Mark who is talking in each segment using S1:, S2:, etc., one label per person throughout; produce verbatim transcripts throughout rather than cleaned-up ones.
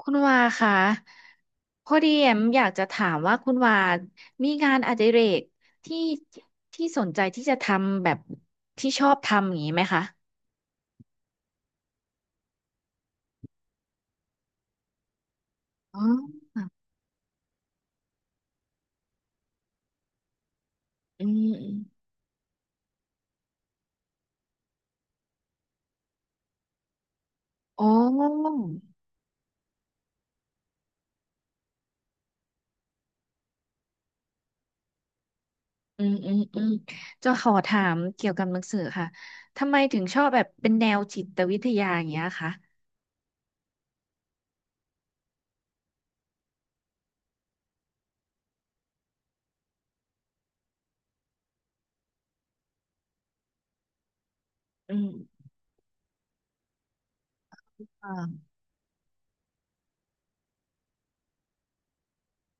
S1: คุณวาคะพอดีแอมอยากจะถามว่าคุณวามีงานอดิเรกที่ที่สนใจที่จะทำแบบที่ชอบทำอย่างนี้ไหมคะอ๋ออืมอืมโอ้อืมอืมอืมจะขอถามเกี่ยวกับหนังสือค่ะทำไมถึงชอบแบบเป็นแนวจิตวิทยาอย่างเงี้ยคะอืมอ่า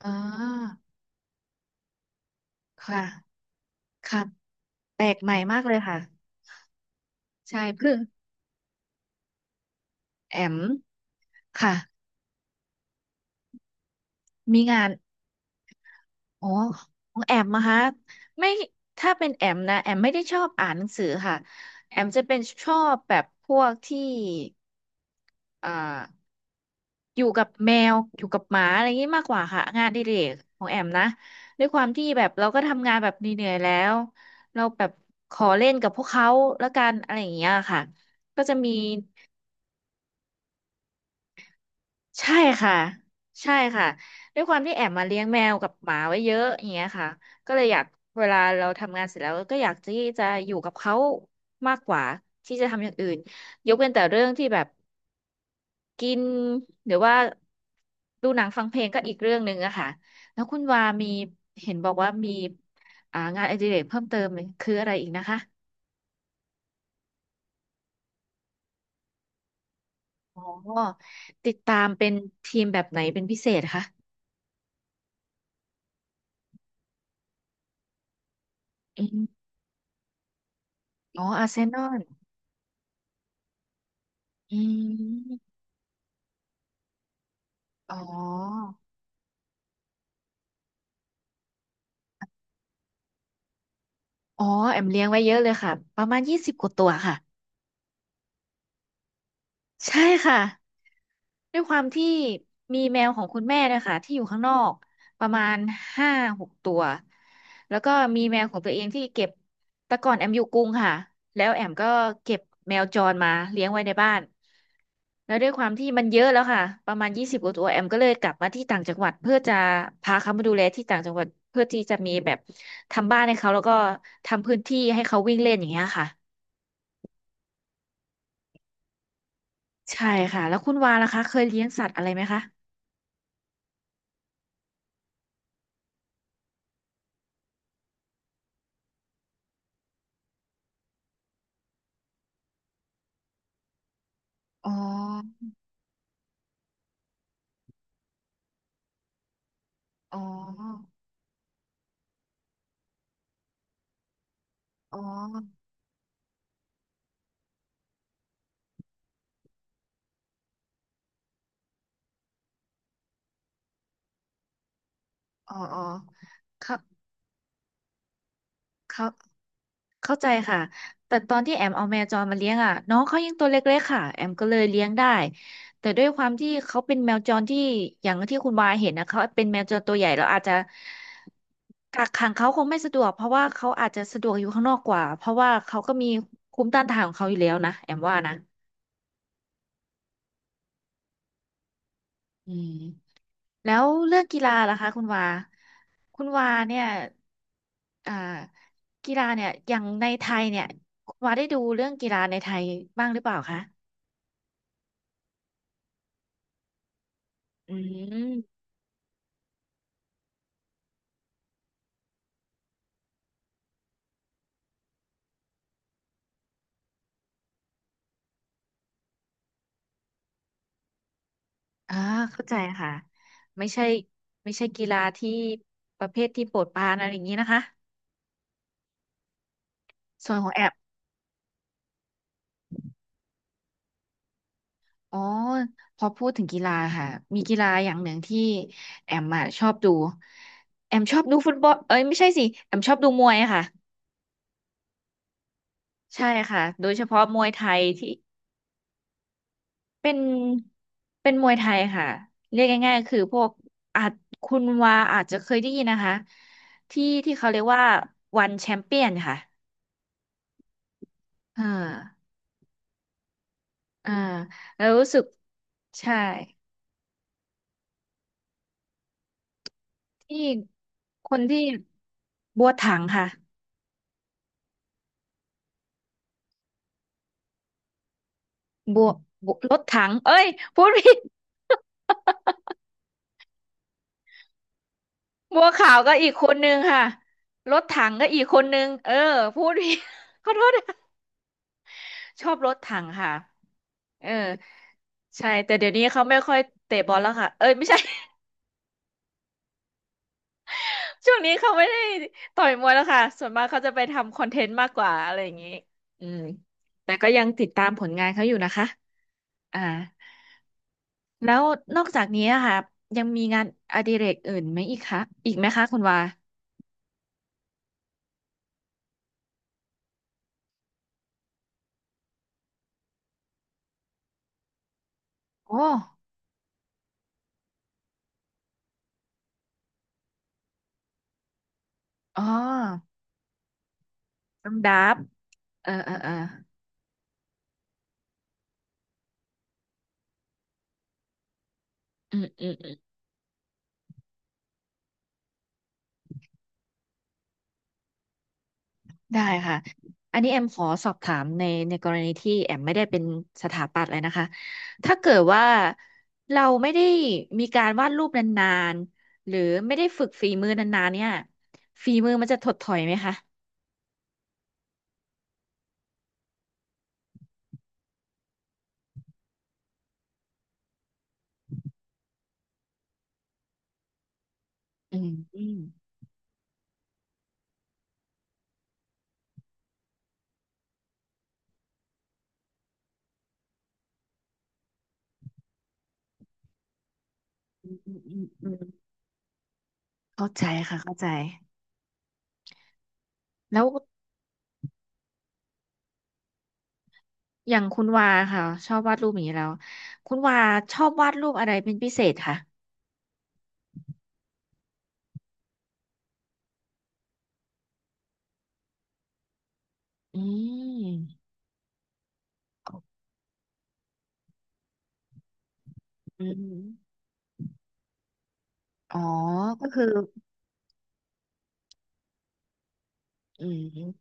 S1: อ่าค่ะค่ะแปลกใหม่มากเลยค่ะใช่เพื่อแอมค่ะมีงาน อ๋อของแอมมาฮะไม่ถ้าเป็นแอมนะแอมไม่ได้ชอบอ่านหนังสือค่ะแอมจะเป็นชอบแบบพวกที่อ่าอยู่กับแมวอยู่กับหมาอะไรอย่างนี้มากกว่าค่ะงานอดิเรกของแอมนะด้วยความที่แบบเราก็ทำงานแบบเหนื่อยๆแล้วเราแบบขอเล่นกับพวกเขาแล้วกันอะไรอย่างเงี้ยค่ะก็จะมี ใช่ค่ะใช่ค่ะด้วยความที่แอบมาเลี้ยงแมวกับหมาไว้เยอะอย่างเงี้ยค่ะก็เลยอยากเวลาเราทำงานเสร็จแล้วก็อยากที่จะอยู่กับเขามากกว่าที่จะทำอย่างอื่นยกเว้นแต่เรื่องที่แบบกินหรือว่าดูหนังฟังเพลงก็อีกเรื่องหนึ่งอะค่ะแล้วคุณวามีเห็นบอกว่ามีอ่างานอดิเรกเพิ่มเติมคืออะไรอีกนะคะอ๋อติดตามเป็นทีมแบบไหนเป็นพิเศษคะอืมอ๋ออาร์เซนอลอืม อ๋อ อ๋อ แอมเลี้ยงไว้เยอะเลยค่ะ ประมาณยี่สิบกว่าตัวค่ะ ใช่ค่ะ ด้วยความที่มีแมวของคุณแม่เนะคะที่อยู่ข้างนอกประมาณห้าหกตัวแล้วก็มีแมวของตัวเองที่เก็บแต่ก่อนแอมอยู่กรุงค่ะแล้วแอมก็เก็บแมวจรมาเลี้ยงไว้ในบ้านแล้วด้วยความที่มันเยอะแล้วค่ะประมาณยี่สิบกว่าตัวแอมก็เลยกลับมาที่ต่างจังหวัดเพื่อจะพาเขามาดูแลที่ต่างจังหวัดเพื่อที่จะมีแบบทำบ้านให้เขาแล้วก็ทำพื้นที่ให้เขาวิ่งเล่นอย่างเงี้ยค่ะใช่ค่ะแล้วคุณวาล่ะคะเคยเลี้ยงสัตว์อะไรไหมคะอ๋ออ๋อ อ๋ออ๋ออ๋อเขาเข้าเข้าใจค่ะ แต่ตอนที่แอมเอาแมวจรมาเลี้ยงอ่ะน้องเขายังตัวเล็กๆค่ะแอมก็เลยเลี้ยงได้แต่ด้วยความที่เขาเป็นแมวจรที่อย่างที่คุณวาเห็นนะเขาเป็นแมวจรตัวใหญ่เราอาจจะกักขังเขาคงไม่สะดวกเพราะว่าเขาอาจจะสะดวกอยู่ข้างนอกกว่าเพราะว่าเขาก็มีภูมิต้านทานของเขาอยู่แล้วนะแอมว่านะอืม แล้วเรื่องกีฬาล่ะคะคุณวาคุณวาเนี่ยอ่ากีฬาเนี่ยอย่างในไทยเนี่ยคุณวาได้ดูเรื่องกีฬาในไทยบ้างหรือเปล่าคะอืมอ่าเข้าใจค่ะไม่ใช่ไม่ใช่กีฬาที่ประเภทที่โปรดปรานอะไรอย่างนี้นะคะส่วนของแอมอ๋อพอพูดถึงกีฬาค่ะมีกีฬาอย่างหนึ่งที่แอมอะชอบดูแอมชอบดูฟุตบอลเอ้ยไม่ใช่สิแอมชอบดูมวยอะค่ะใช่ค่ะโดยเฉพาะมวยไทยที่ เป็นเป็นมวยไทยค่ะเรียกง่ายๆคือพวกอาจคุณวาอาจจะเคยได้ยินนะคะที่ที่เขาเรียกว่าวันแชมเปี้ยนค่ะอ่าอ่าแล้วรู้สึกใช่ที่คนที่บัวถังค่ะบัวบัวรถถังเอ้ยพูดผิด บัวขาวก็อีกคนนึงค่ะรถถังก็อีกคนนึงเออพูดผิด ขอโทษนะชอบรถถังค่ะ เออใช่แต่เดี๋ยวนี้เขาไม่ค่อยเตะบอลแล้วค่ะเอ้ยไม่ใช่ ช่วงนี้เขาไม่ได้ต่อยมวยแล้วค่ะส่วนมากเขาจะไปทำคอนเทนต์มากกว่าอะไรอย่างนี้อืมแต่ก็ยังติดตามผลงานเขาอยู่นะคะอ่าแล้วนอกจากนี้อะค่ะยังมีงานอดิเรกอื่นไหมอีกคะอีกไหมคะคุณวาโอ้อ๋อต้องดับเออเออเอออืมอืม ได้ค่ะ อันนี้แอมขอสอบถามในในกรณีที่แอมไม่ได้เป็นสถาปัตย์เลยนะคะ ถ้าเกิดว่าเราไม่ได้มีการวาดรูปนานๆ หรือไม่ได้ฝึกฝีมือนานๆเนี่ยฝีมือมันจะถดถอยไหมคะอืมอืมอืมอืมอืมอืมเข้าใจค่ะเข้าใจ แล้วอย่างคุณวาค่ะชอบวาดรูปอย่างนี้แล้ว คุณวาชอบวาดรูปอะไรเป็นพิเศษคะอืมอืมอ๋อก็คืออืม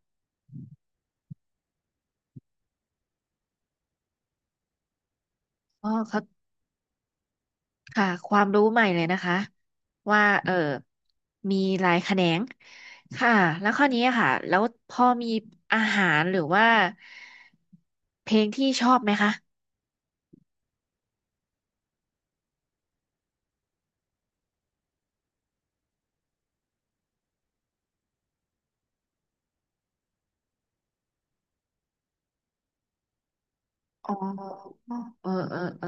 S1: ก็เขา ค่ะความรู้ใหม่เลยนะคะว่าเออมีหลายแขนงค่ะแล้วข้อนี้ค่ะแล้วพอมีอาหารหรือว่าเพลงที่ชอบไหมคะอ๋อเออเออเออ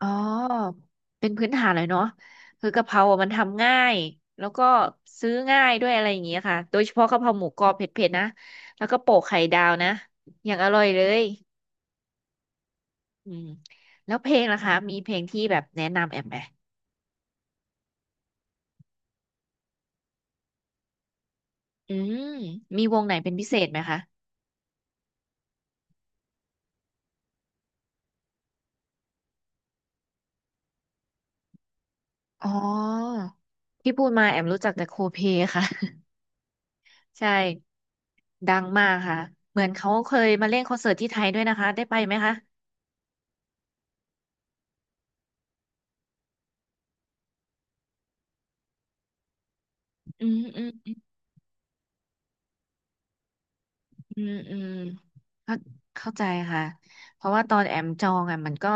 S1: อ๋อเป็นพื้นฐานเลยเนาะคือกะเพราอะมันทำง่ายแล้วก็ซื้อง่ายด้วยอะไรอย่างเงี้ยค่ะโดยเฉพาะกะเพราหมูกรอบเผ็ดๆนะแล้วก็โปะไข่ดาวนะอย่างอร่อยเลยอืมแล้วเพลงล่ะคะมีเพลงที่แบบแนะนำแอมไหม อืมมีวงไหนเป็นพิเศษไหมคะอ๋อที่พูดมาแอมรู้จักแต่โคเพค่ะ ใช่ดังมากค่ะเหมือนเขาเคยมาเล่นคอนเสิร์ตที่ไทยด้วยนะคะได้ไปไหมคะอืมอืมอืมอืมเข้าเข้าใจค่ะเพราะว่าตอนแอมจองอ่ะมันก็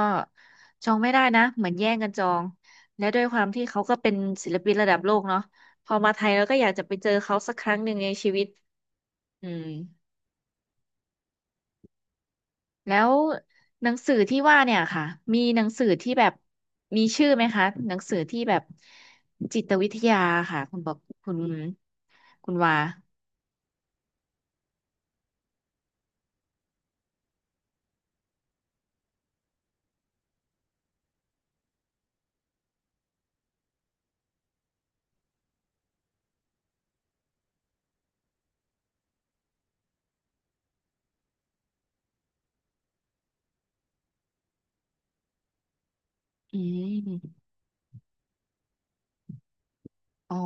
S1: จองไม่ได้นะเหมือนแย่งกันจองและด้วยความที่เขาก็เป็นศิลปินระดับโลกเนาะพอมาไทยแล้วก็อยากจะไปเจอเขาสักครั้งหนึ่งในชีวิตอืม แล้วหนังสือที่ว่าเนี่ยค่ะมีหนังสือที่แบบมีชื่อไหมคะหนังสือที่แบบจิตวิทยาค่ะคุณบอกคุณคุณวาอืมอ๋อ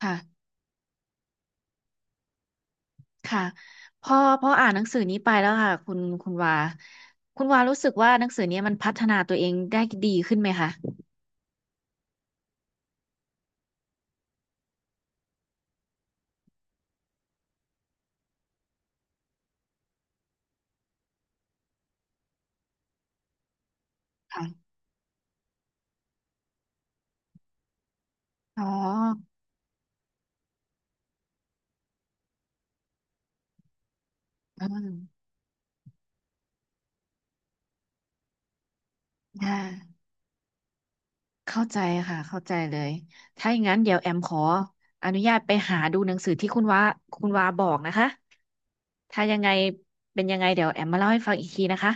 S1: ค่ะค่ะพอพออ่านหนังสือนี้ไปแล้วค่ะคุณคุณวาคุณวารู้สึกว่าหนังสือเนี้มันพัฒนาตัวเองได้ดีขึ้นไหมคะค่ะอ๋ออืมค่ะ เข้าใจค่ะเข้าใจเลยถ้าอย่างนั้นเดี๋ยวแอมขออนุญาตไปหาดูหนังสือที่คุณว่าคุณว่าบอกนะคะถ้ายังไงเป็นยังไงเดี๋ยวแอมมาเล่าให้ฟังอีกทีนะคะ